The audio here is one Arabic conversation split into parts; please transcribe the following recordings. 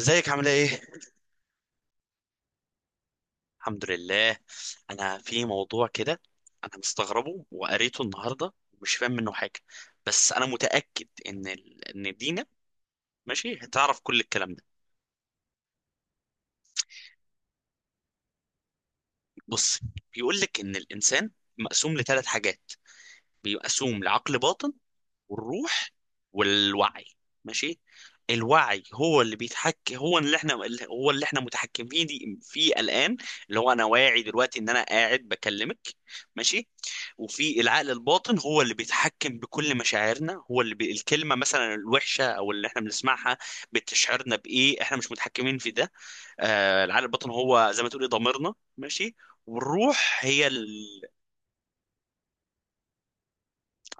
ازيك عامله ايه؟ الحمد لله. انا في موضوع كده. انا مستغربه وقريته النهارده ومش فاهم منه حاجه. بس انا متاكد ان ان دينا ماشي هتعرف كل الكلام ده. بص، بيقول لك ان الانسان مقسوم لثلاث حاجات. بيقسوم لعقل باطن، والروح، والوعي. ماشي. الوعي هو اللي بيتحكم، هو اللي احنا متحكمين فيه الان، اللي هو انا واعي دلوقتي ان انا قاعد بكلمك. ماشي. وفي العقل الباطن هو اللي بيتحكم بكل مشاعرنا، الكلمه مثلا الوحشه او اللي احنا بنسمعها بتشعرنا بايه، احنا مش متحكمين في ده. العقل الباطن هو زي ما تقولي ضميرنا. ماشي. والروح هي.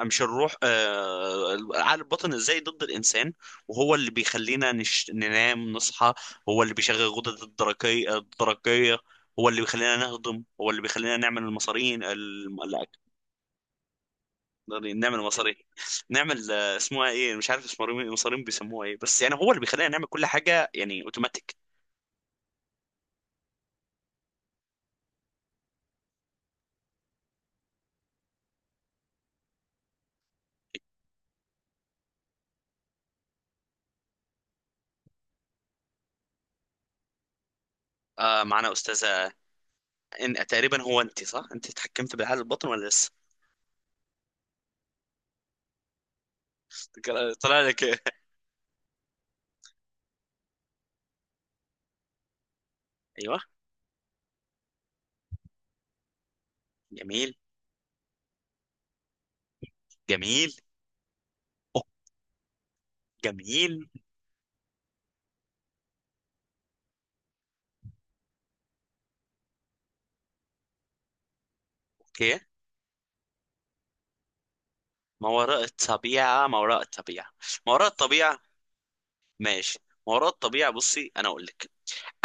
مش الروح، العقل الباطن ازاي ضد الانسان؟ وهو اللي بيخلينا ننام نصحى. هو اللي بيشغل غدد الدرقية هو اللي بيخلينا نهضم، هو اللي بيخلينا نعمل المصارين لا، نعمل مصارين. نعمل، اسمها ايه، مش عارف اسمها إيه، مصارين بيسموها ايه بس، يعني هو اللي بيخلينا نعمل كل حاجة يعني اوتوماتيك. آه، معنا استاذة. تقريبا هو، انت صح، انت اتحكمت بالعقل الباطن ولا لسه؟ طلع لك ايه؟ ايوه. جميل. جميل. أوه، جميل. اوكي. ما وراء الطبيعة، ما وراء الطبيعة، ما وراء الطبيعة. ماشي. ما وراء الطبيعة، بصي أنا أقول لك.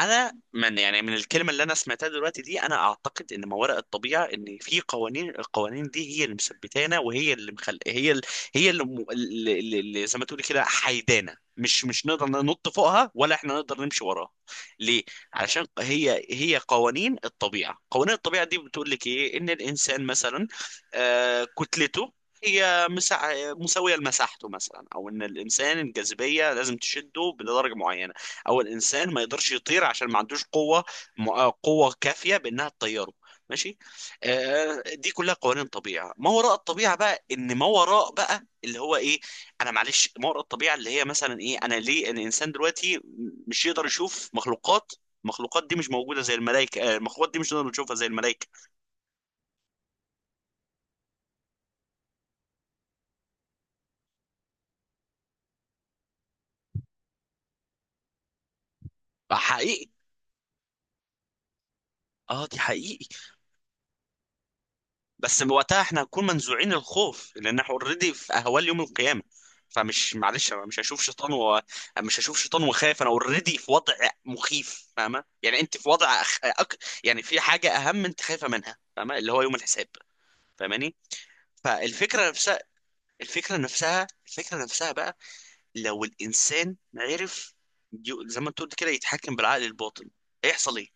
انا من، يعني من الكلمه اللي انا سمعتها دلوقتي دي، انا اعتقد ان ما وراء الطبيعه ان في قوانين. القوانين دي هي اللي مثبتانا، وهي اللي مخل... هي ال... هي اللي، م... اللي اللي زي ما تقولي كده، حيدانا، مش نقدر ننط فوقها ولا احنا نقدر نمشي وراها. ليه؟ علشان هي قوانين الطبيعه. قوانين الطبيعه دي بتقول لك ايه، ان الانسان مثلا، آه، كتلته هي مسا... مساويه لمساحته مثلا، او ان الانسان الجاذبيه لازم تشده لدرجه معينه، او الانسان ما يقدرش يطير عشان ما عندوش قوه، قوه كافيه بانها تطيره. ماشي. آه، دي كلها قوانين طبيعه. ما وراء الطبيعه بقى، ان ما وراء بقى اللي هو ايه. انا معلش، ما وراء الطبيعه اللي هي مثلا ايه، انا ليه ان الانسان دلوقتي مش يقدر يشوف مخلوقات. المخلوقات دي مش موجوده زي الملائكه، المخلوقات دي مش نقدر نشوفها زي الملائكه. آه، حقيقي. اه دي حقيقي. بس وقتها احنا هنكون منزوعين الخوف لان احنا اوريدي في اهوال يوم القيامه. فمش، معلش، انا مش هشوف شيطان مش هشوف شيطان وخايف، انا اوريدي في وضع مخيف، فاهمه؟ يعني انت في وضع يعني في حاجه اهم انت خايفه منها، فاهمه، اللي هو يوم الحساب. فاهماني؟ فالفكره نفسها. الفكره نفسها، الفكره نفسها بقى، لو الانسان عرف، زي ما انت قلت كده، يتحكم بالعقل الباطن، هيحصل ايه؟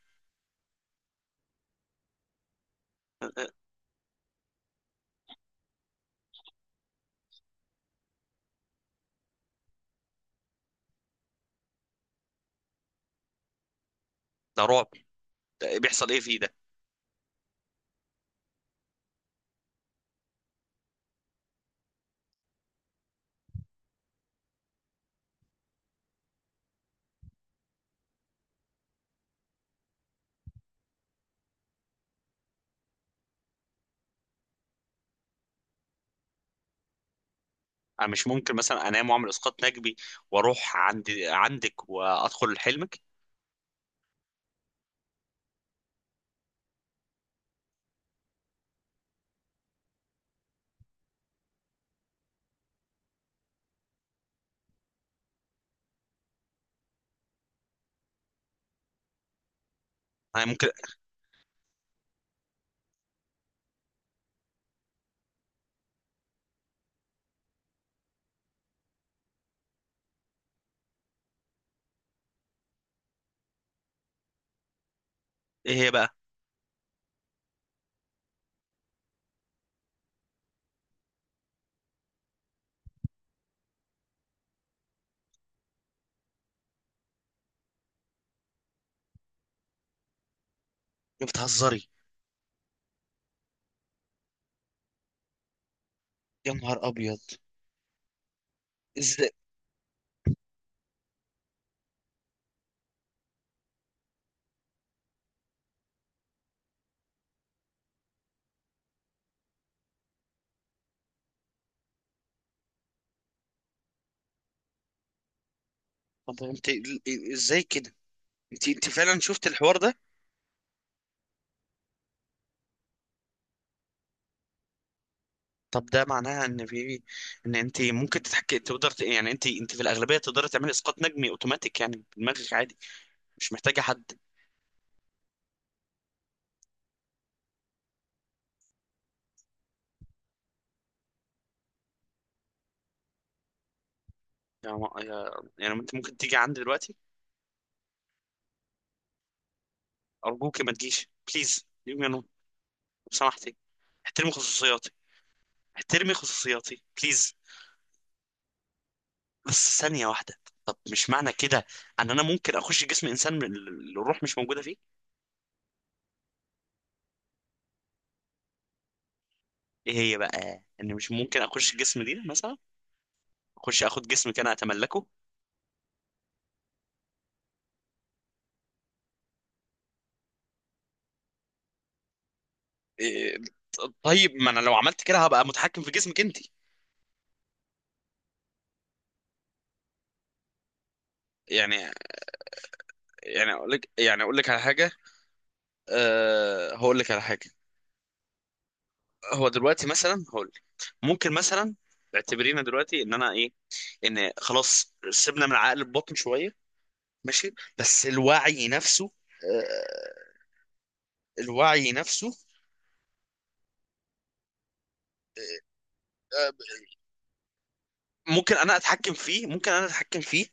ده رعب. ده إيه، بيحصل ايه فيه ده؟ انا مش ممكن مثلا انام واعمل اسقاط نجبي واروح عندك وادخل حلمك؟ انا ممكن. ايه هي بقى؟ انت بتهزري؟ يا نهار ابيض. ازاي؟ طب انت ازاي كده، انت فعلا شفت الحوار ده؟ طب ده معناها ان في، ان انت ممكن تتحكي، تقدر يعني انت في الاغلبيه تقدري تعملي اسقاط نجمي اوتوماتيك يعني، بدماغك عادي، مش محتاجه حد. يعني يعني انت ممكن تيجي عندي دلوقتي؟ ارجوك ما تجيش، بليز، يو نو، لو سمحتي احترمي خصوصياتي. احترمي خصوصياتي بليز. بس ثانية واحدة. طب مش معنى كده ان انا ممكن اخش جسم انسان من الروح مش موجودة فيه؟ ايه هي بقى؟ ان مش ممكن اخش جسم دي مثلا، اخش اخد جسمك انا اتملكه. إيه؟ طيب ما انا لو عملت كده هبقى متحكم في جسمك انت. يعني، يعني اقول لك على حاجة. أه، هقول لك على حاجة. هو دلوقتي مثلا، هقول لك، ممكن مثلا اعتبرينا دلوقتي ان انا ايه، ان خلاص سيبنا من عقل الباطن شوية. ماشي. بس الوعي نفسه، آه، الوعي نفسه ممكن انا اتحكم فيه،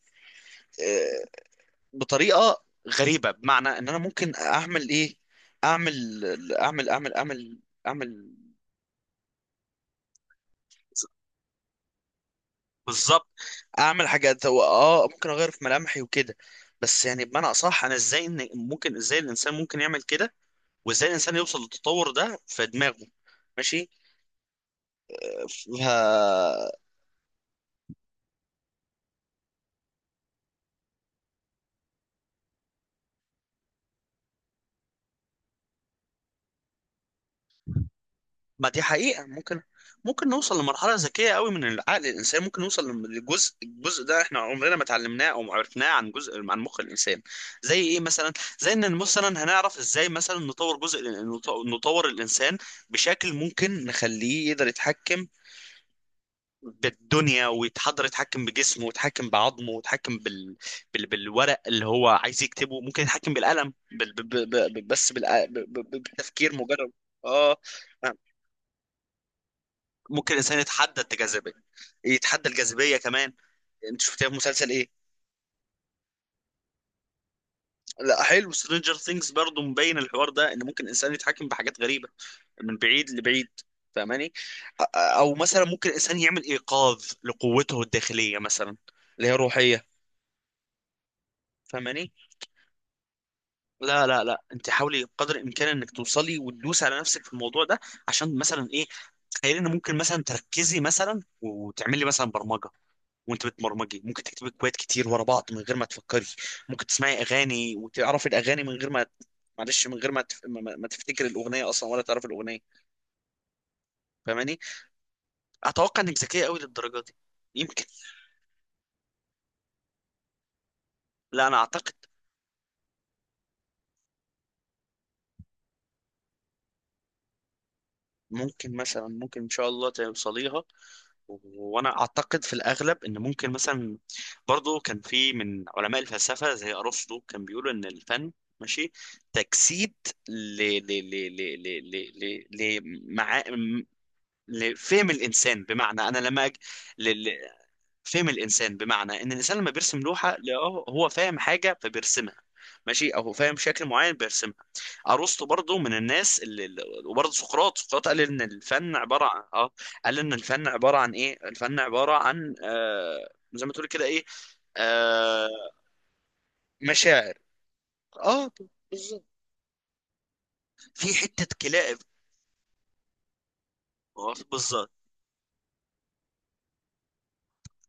آه، بطريقه غريبه، بمعنى ان انا ممكن اعمل ايه. اعمل اعمل اعمل اعمل اعمل. بالظبط. اعمل حاجات، هو اه ممكن اغير في ملامحي وكده. بس يعني بمعنى اصح، انا ازاي، إن ممكن ازاي الانسان ممكن يعمل كده؟ وازاي الانسان يوصل للتطور ده في دماغه؟ ماشي. ف ما دي حقيقة. ممكن، ممكن نوصل لمرحلة ذكية قوي من العقل. الإنسان ممكن نوصل للجزء، الجزء ده احنا عمرنا ما اتعلمناه أو ما عرفناه، عن جزء عن مخ الإنسان. زي إيه مثلا؟ زي إن مثلا هنعرف إزاي مثلا نطور جزء، نطور الإنسان بشكل ممكن نخليه يقدر يتحكم بالدنيا ويتحضر، يتحكم بجسمه ويتحكم بعظمه ويتحكم بالورق اللي هو عايز يكتبه، ممكن يتحكم بالقلم، بال... ب... ب... ب... بس بالتفكير مجرد. اه، ممكن الانسان يتحدى الجاذبيه، يتحدى الجاذبيه كمان. انت شفتها في مسلسل ايه؟ لا حلو، سترينجر ثينجز. برضه مبين الحوار ده ان ممكن الانسان يتحكم بحاجات غريبه من بعيد لبعيد، فاهماني؟ او مثلا ممكن الانسان يعمل ايقاظ لقوته الداخليه مثلا، اللي هي روحيه، فاهماني؟ لا لا لا، انت حاولي قدر الامكان انك توصلي وتدوسي على نفسك في الموضوع ده، عشان مثلا ايه، تخيلي ان ممكن مثلا تركزي مثلا وتعملي مثلا برمجه، وانت بتبرمجي ممكن تكتبي كويت كتير ورا بعض من غير ما تفكري. ممكن تسمعي اغاني وتعرفي الاغاني من غير ما، معلش، من غير ما تفتكري الاغنيه اصلا ولا تعرفي الاغنيه، فاهماني؟ اتوقع انك ذكيه قوي للدرجه دي. يمكن. لا انا اعتقد. ممكن مثلا، ممكن ان شاء الله توصليها. و- وانا اعتقد في الاغلب ان ممكن مثلا. برضو كان في من علماء الفلسفه زي ارسطو كان بيقولوا ان الفن، ماشي، تجسيد ل ل ل ل ل ل ل لمعا- لفهم الانسان، بمعنى انا لما أج... ل... ل... فهم الانسان. بمعنى ان الانسان لما بيرسم لوحه، لا، هو فاهم حاجه فبيرسمها. ماشي. او هو فاهم شكل معين بيرسمها. ارسطو برضو من الناس وبرضو سقراط، قال ان الفن عباره عن، ايه، الفن عباره عن، زي ما تقول كده ايه، آه... مشاعر. اه، بالظبط. في حته كلاب. آه، بالظبط.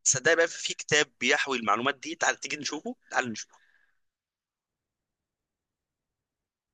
صدق بقى، في كتاب بيحوي المعلومات دي، تعال تيجي نشوفه، تعال نشوف.